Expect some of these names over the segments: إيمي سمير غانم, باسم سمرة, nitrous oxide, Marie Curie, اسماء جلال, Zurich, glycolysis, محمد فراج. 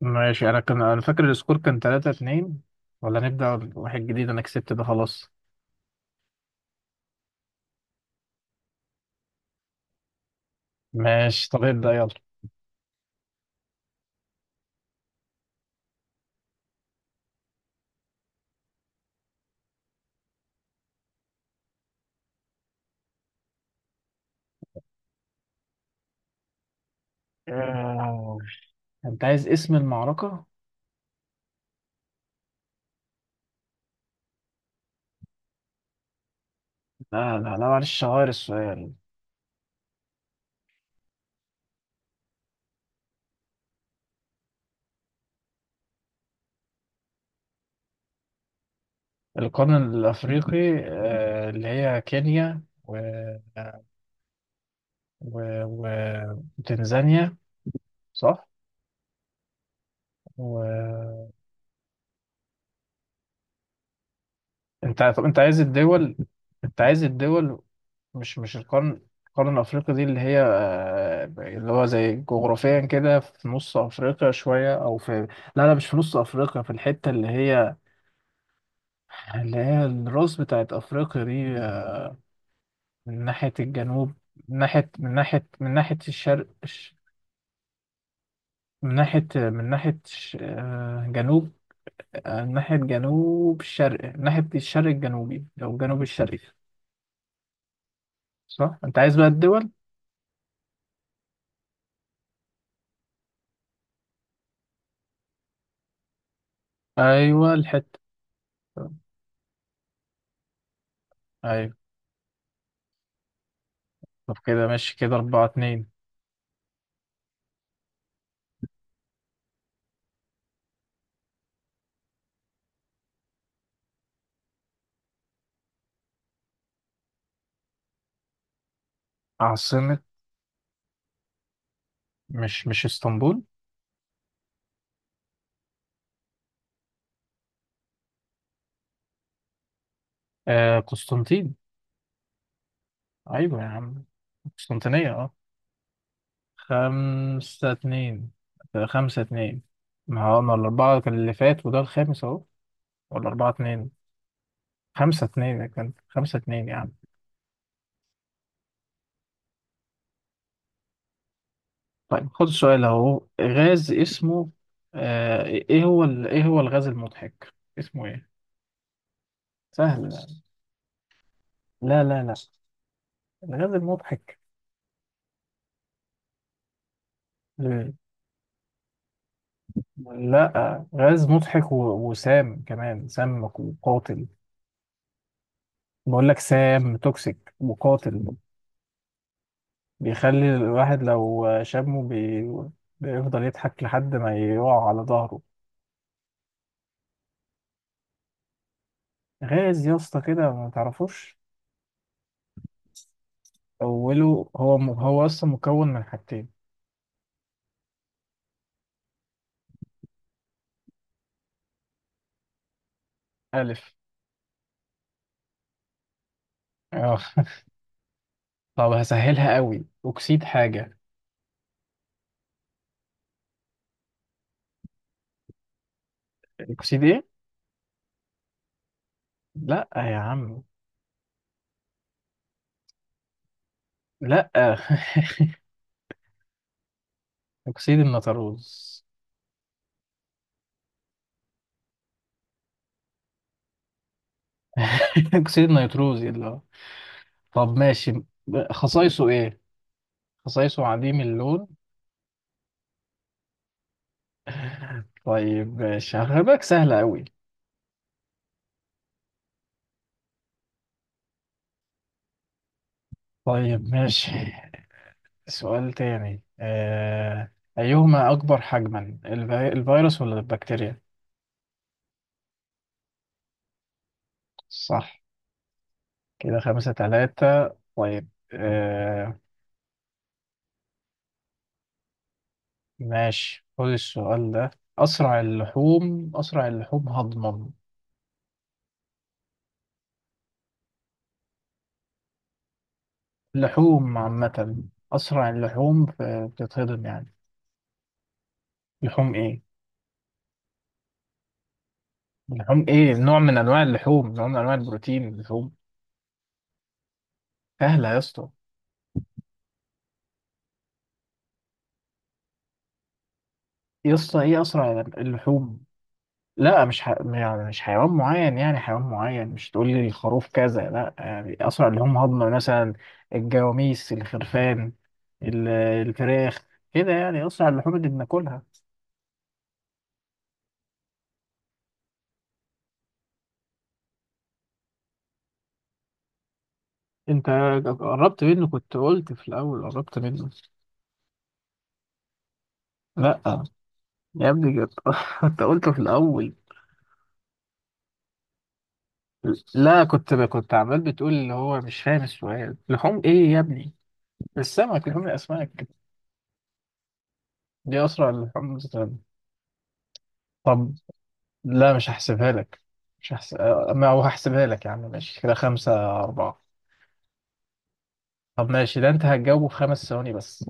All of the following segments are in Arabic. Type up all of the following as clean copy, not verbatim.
ماشي، انا فاكر السكور كان 3-2. ولا نبدأ واحد جديد؟ انا كسبت ده خلاص. ماشي طب ابدأ يلا. آه، انت عايز اسم المعركة؟ لا لا لا، معلش غير السؤال. القرن الافريقي، اللي هي كينيا و... و... وتنزانيا. صح. و... طب انت عايز الدول؟ انت عايز الدول. مش القرن. القرن الأفريقي دي اللي هي آه، اللي هو زي جغرافيا كده في نص أفريقيا شوية أو في. لا لا، مش في نص أفريقيا، في الحتة اللي هي، اللي هي الراس بتاعت أفريقيا دي، من ناحية الجنوب. من ناحية الشرق، من ناحية من ناحية جنوب. من ناحية جنوب الشرق، من ناحية الشرق الجنوبي أو الجنوب الشرقي. صح؟ أنت عايز بقى الدول؟ أيوه، الحتة. أيوه. طب كده ماشي، كده 4-2. عاصمة؟ مش اسطنبول؟ قسطنطين. أيوة يا عم، قسطنطينية 5-2، 5-2. ما هو أنا الأربعة كان اللي فات وده الخامس أهو. ولا 4-2. خمسة اتنين، كان خمسة اتنين يا عم. طيب خد السؤال أهو، غاز اسمه. إيه هو الغاز المضحك اسمه إيه؟ سهل يعني. لا لا لا. الغاز المضحك. لا، غاز مضحك وسام، كمان سام وقاتل. بقول لك سام توكسيك وقاتل. بيخلي الواحد لو شمه بيفضل يضحك لحد ما يقع على ظهره. غاز يا اسطى كده، ما تعرفوش. اوله هو اصلا مكون من حاجتين. الف. اه طب هسهلها قوي، اكسيد حاجه. اكسيد ايه؟ لا يا عم. لا اكسيد النيتروز. اكسيد النيتروز، يلا. طب ماشي، خصائصه ايه؟ خصائصه عديم اللون. طيب ماشي، هغلبك سهلة أوي. طيب ماشي، سؤال تاني آه.... أيهما أكبر حجما، الفيروس ولا البكتيريا؟ صح. كده 5-3. طيب. آه... ماشي خد السؤال ده. أسرع اللحوم هضما. اللحوم عامة. أسرع اللحوم بتتهضم يعني. لحوم إيه؟ لحوم إيه؟ نوع من أنواع اللحوم، نوع من أنواع البروتين، اللحوم. سهلة يا اسطى. يسطا، ايه اسرع اللحوم. لا، مش يعني مش حيوان معين، يعني حيوان معين مش تقول لي الخروف كذا لا، يعني اسرع اللي هم هضمه مثلا. الجواميس، الخرفان، ال- الفراخ، كده، يعني اسرع اللحوم اللي بناكلها. انت قربت منه، كنت قلت في الاول، قربت منه. لا يا ابني كنت كنت قلته في الاول. لا، كنت عمال بتقول اللي هو مش فاهم السؤال، لحوم ايه يا ابني؟ السمك، لحوم الاسماك، دي اسرع اللحوم. طب. لا، مش هحسبها لك، مش هحسب. ما هو هحسبها لك يا عم، ماشي كده 5-4. طب ماشي، ده أنت هتجاوبه في 5 ثواني بس.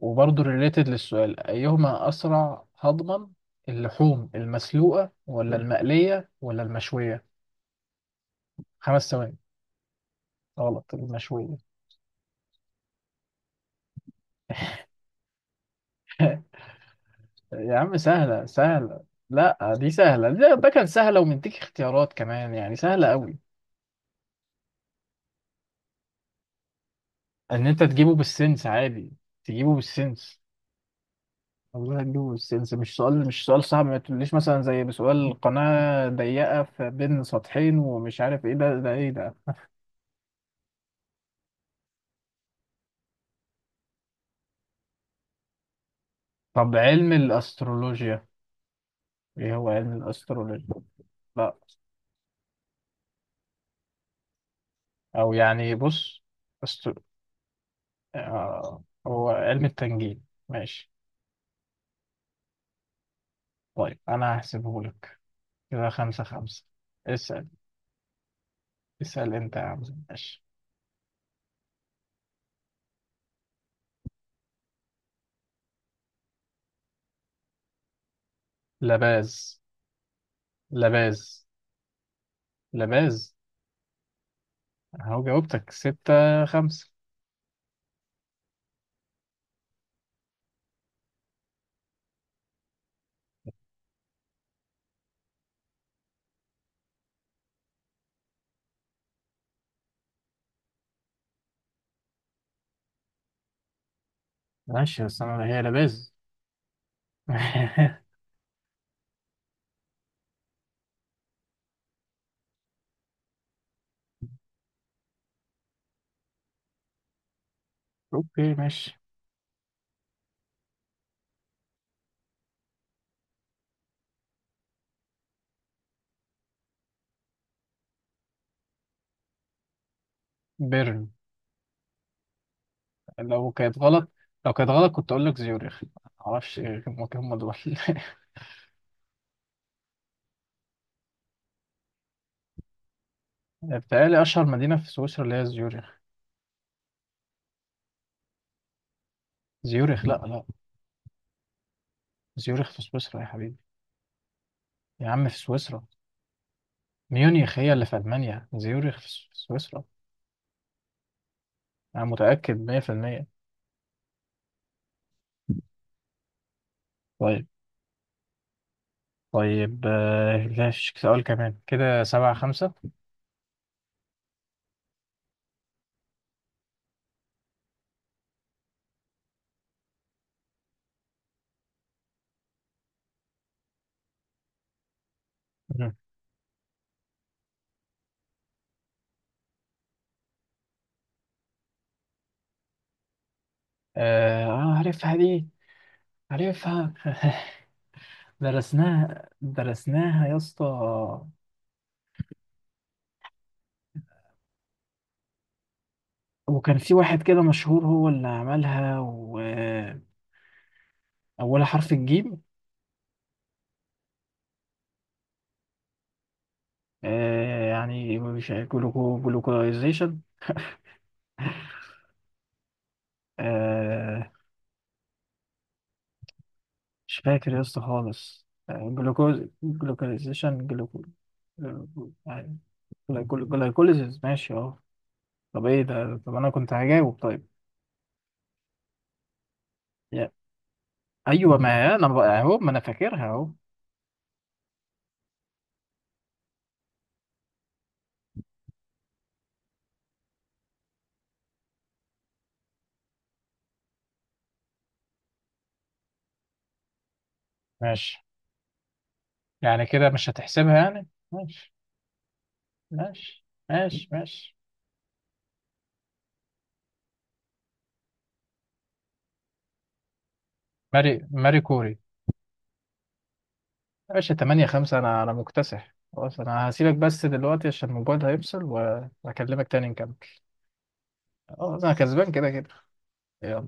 وبرضه ريليتد للسؤال، أيهما أسرع هضما، اللحوم المسلوقة ولا المقلية ولا المشوية؟ 5 ثواني. غلط، المشوية. يا عم سهلة، سهلة. لا دي سهلة، ده كان سهلة ومديك اختيارات كمان، يعني سهلة قوي. إن أنت تجيبه بالسنس عادي، تجيبه بالسنس. والله هتجوز سيلز. مش سؤال صعب، ما تقوليش مثلا زي بسؤال قناة ضيقة في بين سطحين ومش عارف ايه ده، ده ايه ده. طب علم الأسترولوجيا، ايه هو علم الأسترولوجيا؟ لا، او يعني بص. أستر... هو علم التنجيم ماشي. طيب انا هحسبه لك، كده 5-5. اسأل، اسأل انت يا عم. ماشي. لباز، لباز، لباز. اهو جاوبتك، 6-5. ماشي بس انا هي لباز. اوكي ماشي. بيرن. لو كانت غلط لو كانت غلط كنت اقول لك زيوريخ. معرفش إيه هم دول بتهيألي اشهر مدينة في سويسرا اللي هي زيوريخ. زيوريخ، لا لا، زيوريخ في سويسرا يا حبيبي. يا عم في سويسرا. ميونيخ هي اللي في المانيا، زيوريخ في سويسرا. انا متأكد 100%. طيب. طيب، لا فيش سؤال كمان. كده 7-5. مم. عارفها دي، عارفها درسناها، درسناها يا اسطى. وكان في واحد كده مشهور هو اللي عملها، وأولها حرف الجيم. يعني مش جلوكو، جلوكوزيشن. آه، مش فاكر يا اسطى خالص، جلوكوز، جلوكوزيشن، جلوكو. جلايكوليزيس ماشي طب ايه ده، طب انا كنت هجاوب طيب. يا- ايوه، ما هي انا بقى اهو، ما انا فاكرها اهو. ماشي يعني، كده مش هتحسبها يعني. ماشي ماشي ماشي. ماشي. ماري ماري كوري. يا باشا 8-5، انا مكتسح خلاص. انا هسيبك بس دلوقتي عشان الموبايل هيفصل وهكلمك تاني نكمل. خلاص انا كسبان كده كده. يلا.